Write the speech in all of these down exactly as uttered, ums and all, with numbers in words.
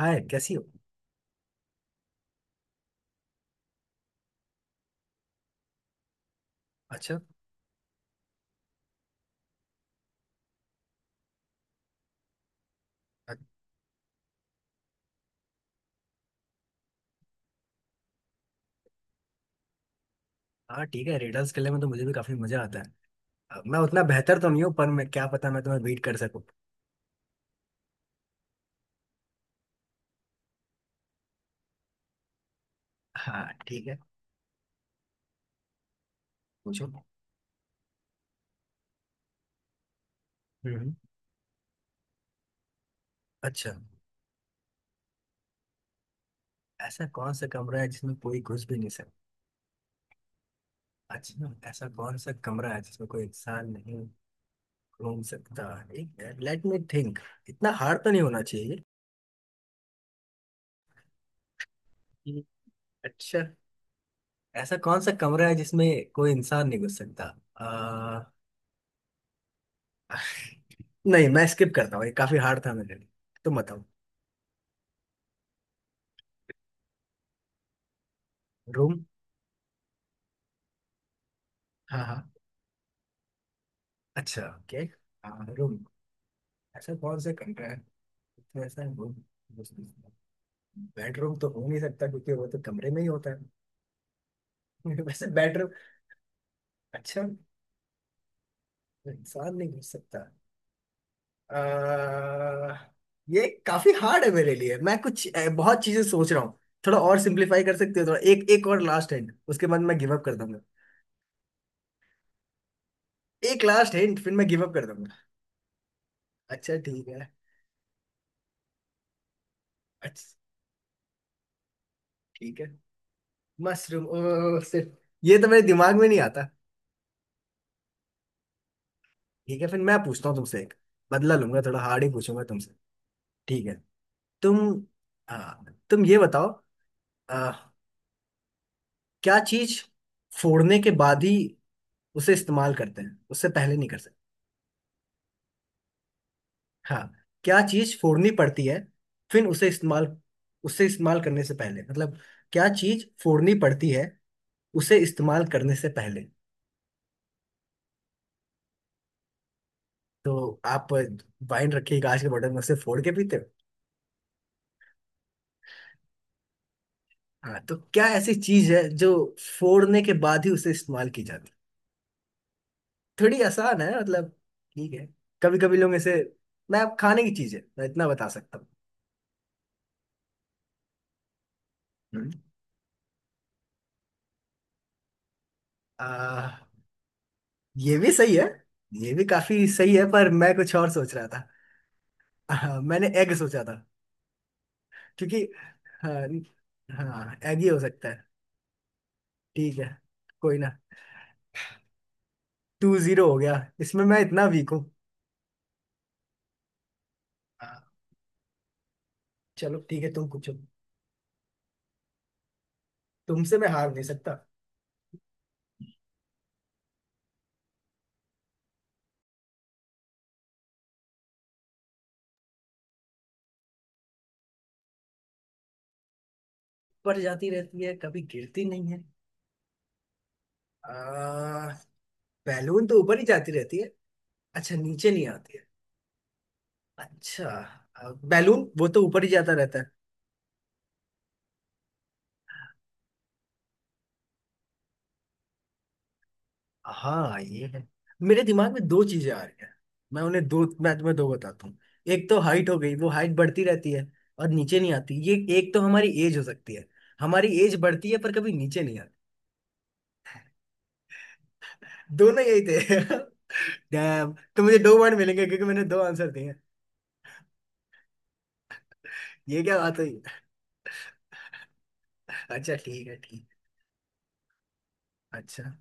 हाय, कैसी हो। अच्छा। अ- हाँ, ठीक है। रिडल्स खेलने में तो मुझे भी काफी मजा आता है। अ, मैं उतना बेहतर तो नहीं हूँ, पर मैं क्या पता, मैं तुम्हें बीट कर सकूँ। हाँ, ठीक है, पूछो। हम्म। अच्छा, ऐसा कौन सा कमरा है जिसमें कोई घुस भी नहीं सकता। अच्छा, ऐसा कौन सा कमरा है जिसमें कोई इंसान नहीं घूम सकता। ठीक है, लेट मी थिंक। इतना हार्ड तो नहीं होना चाहिए। हम्म, अच्छा, ऐसा कौन सा कमरा है जिसमें कोई इंसान नहीं घुस सकता। अ, नहीं, मैं स्किप करता हूँ, ये काफी हार्ड था मेरे लिए। तुम बताओ। रूम। हाँ, हाँ। अच्छा, ओके। हाँ, रूम। ऐसा कौन सा कमरा है। तो ऐसा रूम, बेडरूम तो हो नहीं सकता क्योंकि वो तो कमरे में ही होता है। वैसे बेडरूम। अच्छा, इंसान नहीं घुस सकता। आ, ये काफी हार्ड है मेरे लिए, मैं कुछ अ, बहुत चीजें सोच रहा हूँ। थोड़ा और सिंप्लीफाई कर सकते हो थोड़ा? एक एक और लास्ट हिंट, उसके बाद मैं गिव अप कर दूंगा। एक लास्ट हिंट, फिर मैं गिव अप कर दूंगा। अच्छा, ठीक है। अच्छा, ठीक है। मशरूम? ओ, सिर्फ ये तो मेरे दिमाग में नहीं आता। ठीक है, फिर मैं पूछता हूँ तुमसे एक। बदला लूंगा, थोड़ा हार्ड ही पूछूंगा तुमसे। ठीक है। तुम आ, तुम ये बताओ। आ, क्या चीज फोड़ने के बाद ही उसे इस्तेमाल करते हैं, उससे पहले नहीं कर सकते। हाँ। क्या चीज फोड़नी पड़ती है फिर उसे इस्तेमाल उसे इस्तेमाल करने से पहले, मतलब क्या चीज फोड़नी पड़ती है उसे इस्तेमाल करने से पहले। तो आप वाइन रखिए कांच के बॉटल में, उसे फोड़ के पीते हो? हाँ, तो क्या ऐसी चीज है जो फोड़ने के बाद ही उसे इस्तेमाल की जाती है? थोड़ी आसान है मतलब। ठीक है। कभी कभी लोग ऐसे। मैं, अब खाने की चीज है, मैं इतना बता सकता हूँ। हम्म। आ, ये भी सही है। ये भी काफी सही है, पर मैं कुछ और सोच रहा था। आ, मैंने एग सोचा था क्योंकि। हाँ। हाँ, एग ही हो सकता है। ठीक है। कोई ना। टू जीरो हो गया। इसमें मैं इतना वीक हूँ। हाँ, चलो ठीक है, तुम पूछो। तुमसे मैं हार नहीं सकता। ऊपर जाती रहती है, कभी गिरती नहीं है। आ, बैलून तो ऊपर ही जाती रहती है। अच्छा, नीचे नहीं आती है। अच्छा, बैलून वो तो ऊपर ही जाता रहता है। हाँ, ये है। मेरे दिमाग में दो चीजें आ रही हैं। मैं उन्हें दो मैं तुम्हें दो बताता हूँ। एक तो हाइट हो गई, वो हाइट बढ़ती रहती है और नीचे नहीं आती। ये एक तो हमारी एज हो सकती है। हमारी एज बढ़ती है पर कभी नीचे नहीं आती। दोनों यही थे। डैम, तो मुझे दो पॉइंट मिलेंगे क्योंकि मैंने दो आंसर दिए हैं। ये क्या बात हुई। अच्छा, ठीक है, ठीक। अच्छा।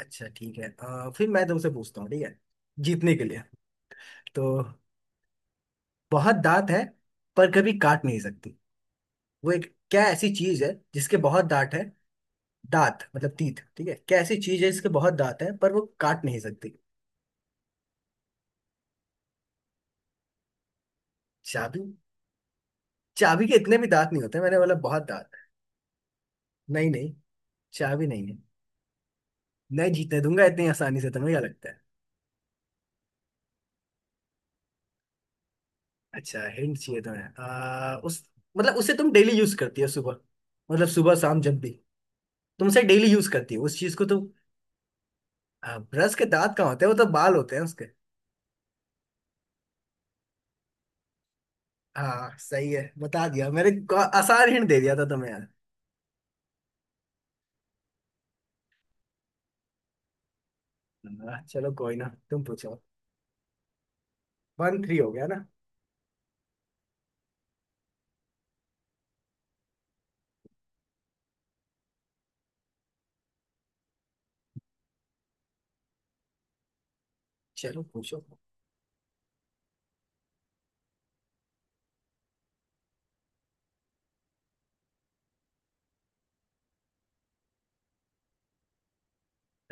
अच्छा, ठीक है। अ, फिर मैं तुमसे पूछता हूँ, ठीक है, जीतने के लिए तो। बहुत दांत है पर कभी काट नहीं सकती वो, एक क्या ऐसी चीज है जिसके बहुत दांत है? दांत मतलब तीत, ठीक है, क्या ऐसी चीज है जिसके बहुत दांत है पर वो काट नहीं सकती? चाबी? चाबी के इतने भी दांत नहीं होते, मैंने बोला बहुत दांत। नहीं नहीं, चाबी नहीं है। नहीं जीतने दूंगा इतनी आसानी से, तुम्हें क्या लगता है। अच्छा, हिंट चाहिए तुम्हें? आ, उस, मतलब उसे तुम डेली यूज करती हो सुबह, मतलब सुबह शाम जब भी तुम उसे डेली यूज करती हो उस चीज को तुम। आ, ब्रश के दांत कहाँ होते हैं, वो तो बाल होते हैं उसके। हाँ, सही है, बता दिया मैंने। को- आसान हिंट दे दिया था तुम्हें यार। हाँ, चलो कोई ना, तुम पूछो। वन थ्री हो गया ना। चलो पूछो।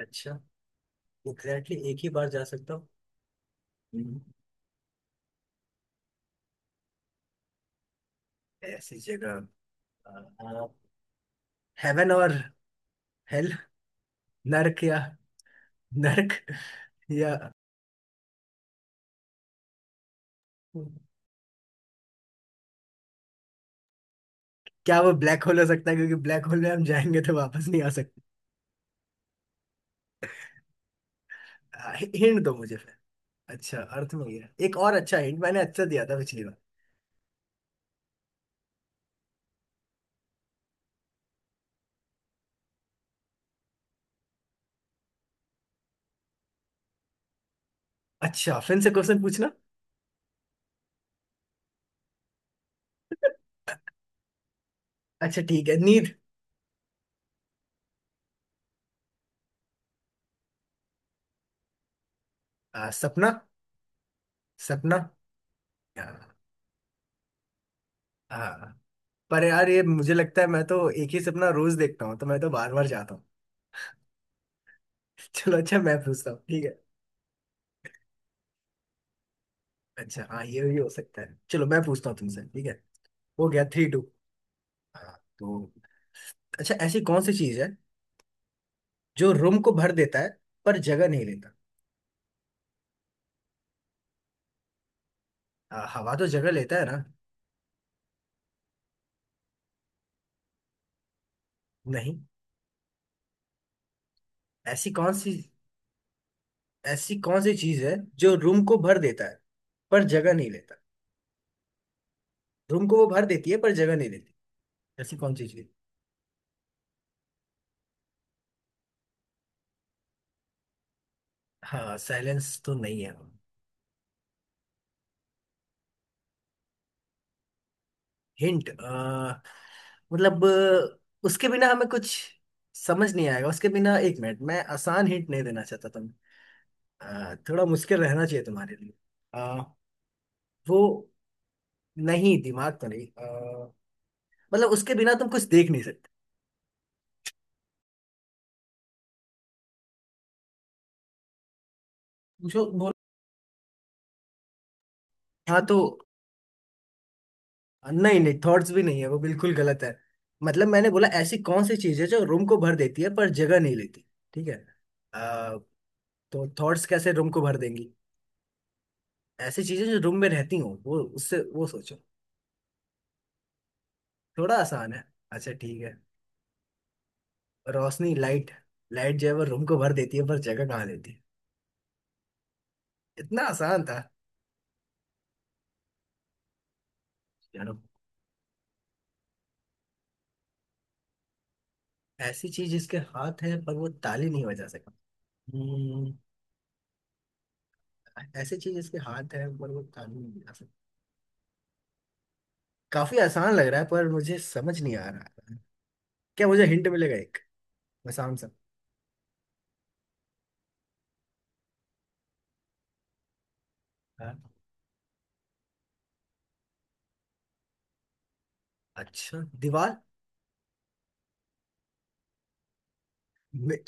अच्छा, एग्जैक्टली एक ही बार जा सकता हूँ। हम्म, ऐसी जगह, हेवन और हेल, नरक या नरक। या क्या वो ब्लैक होल हो सकता है, क्योंकि ब्लैक होल में हम जाएंगे तो वापस नहीं आ सकते। हिंट दो मुझे फिर। अच्छा, अर्थ में गया एक और। अच्छा हिंट मैंने अच्छा दिया था पिछली बार। अच्छा, फिर से क्वेश्चन पूछना। अच्छा, ठीक है। नींद? आ, सपना। सपना। हाँ। पर यार, ये मुझे लगता है मैं तो एक ही सपना रोज देखता हूँ, तो मैं तो बार बार जाता हूँ। चलो अच्छा, मैं पूछता हूँ, ठीक है। अच्छा हाँ, ये भी हो सकता है। चलो मैं पूछता हूँ तुमसे, ठीक है। हो गया थ्री टू। हाँ, तो अच्छा, ऐसी कौन सी चीज है जो रूम को भर देता है पर जगह नहीं लेता? आ, हवा तो जगह लेता है ना। नहीं। ऐसी कौन सी, ऐसी कौन सी चीज है जो रूम को भर देता है पर जगह नहीं लेता? रूम को वो भर देती है पर जगह नहीं लेती। ऐसी कौन सी चीज? हाँ, साइलेंस तो नहीं है। हिंट मतलब, अ, मतलब, उसके बिना हमें कुछ समझ नहीं आएगा उसके बिना। एक मिनट, मैं आसान हिंट नहीं देना चाहता तुम्हें। अ, थोड़ा मुश्किल रहना चाहिए तुम्हारे लिए। अ, वो, नहीं दिमाग तो नहीं। अ, मतलब उसके बिना तुम कुछ देख नहीं सकते। पूछो बोल। हाँ, तो नहीं नहीं, थॉट्स भी नहीं है, वो बिल्कुल गलत है। मतलब मैंने बोला ऐसी कौन सी चीज है जो रूम को भर देती है पर जगह नहीं लेती, ठीक है। अ, तो थॉट्स कैसे रूम को भर देंगी? ऐसी चीजें जो रूम में रहती हो वो, उससे वो सोचो। थोड़ा आसान है। अच्छा, ठीक है। रोशनी, लाइट। लाइट जो है वो रूम को भर देती है पर जगह कहाँ देती है। इतना आसान था। चलो, ऐसी चीज इसके हाथ है पर वो ताली नहीं बजा सका। हम्म, ऐसी चीज इसके हाथ है पर वो ताली नहीं बजा सका। काफी आसान लग रहा है पर मुझे समझ नहीं आ रहा है। क्या मुझे हिंट मिलेगा एक? मैं शाम से। हाँ। अच्छा, दीवार? मे-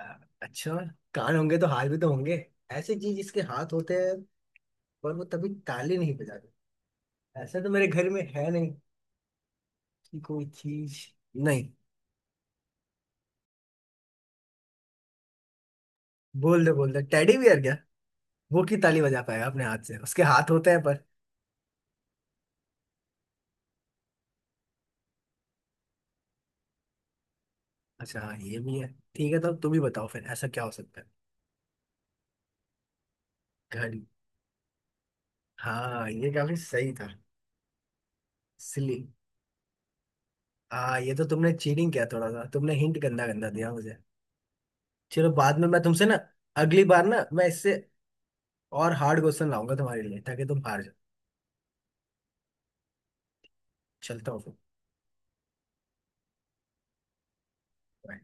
आ, अच्छा, कान होंगे तो हाथ भी तो होंगे। ऐसी चीज इसके हाथ होते हैं पर वो तभी ताली नहीं बजाते। ऐसा तो मेरे घर में है नहीं कि कोई चीज। नहीं। बोल दे बोल दे, टेडी बियर क्या वो की ताली बजा पाएगा अपने हाथ से? उसके हाथ होते हैं पर। अच्छा हाँ, ये भी है। ठीक है, तो तुम ही बताओ फिर ऐसा क्या हो सकता है। घड़ी? हाँ, ये काफी सही था। सिली। हाँ, ये तो तुमने चीटिंग किया थोड़ा सा, तुमने हिंट गंदा गंदा दिया मुझे। चलो बाद में मैं तुमसे ना, अगली बार ना मैं इससे और हार्ड क्वेश्चन लाऊंगा तुम्हारे लिए ताकि तुम हार जाओ। चलता हूँ फिर। बाय.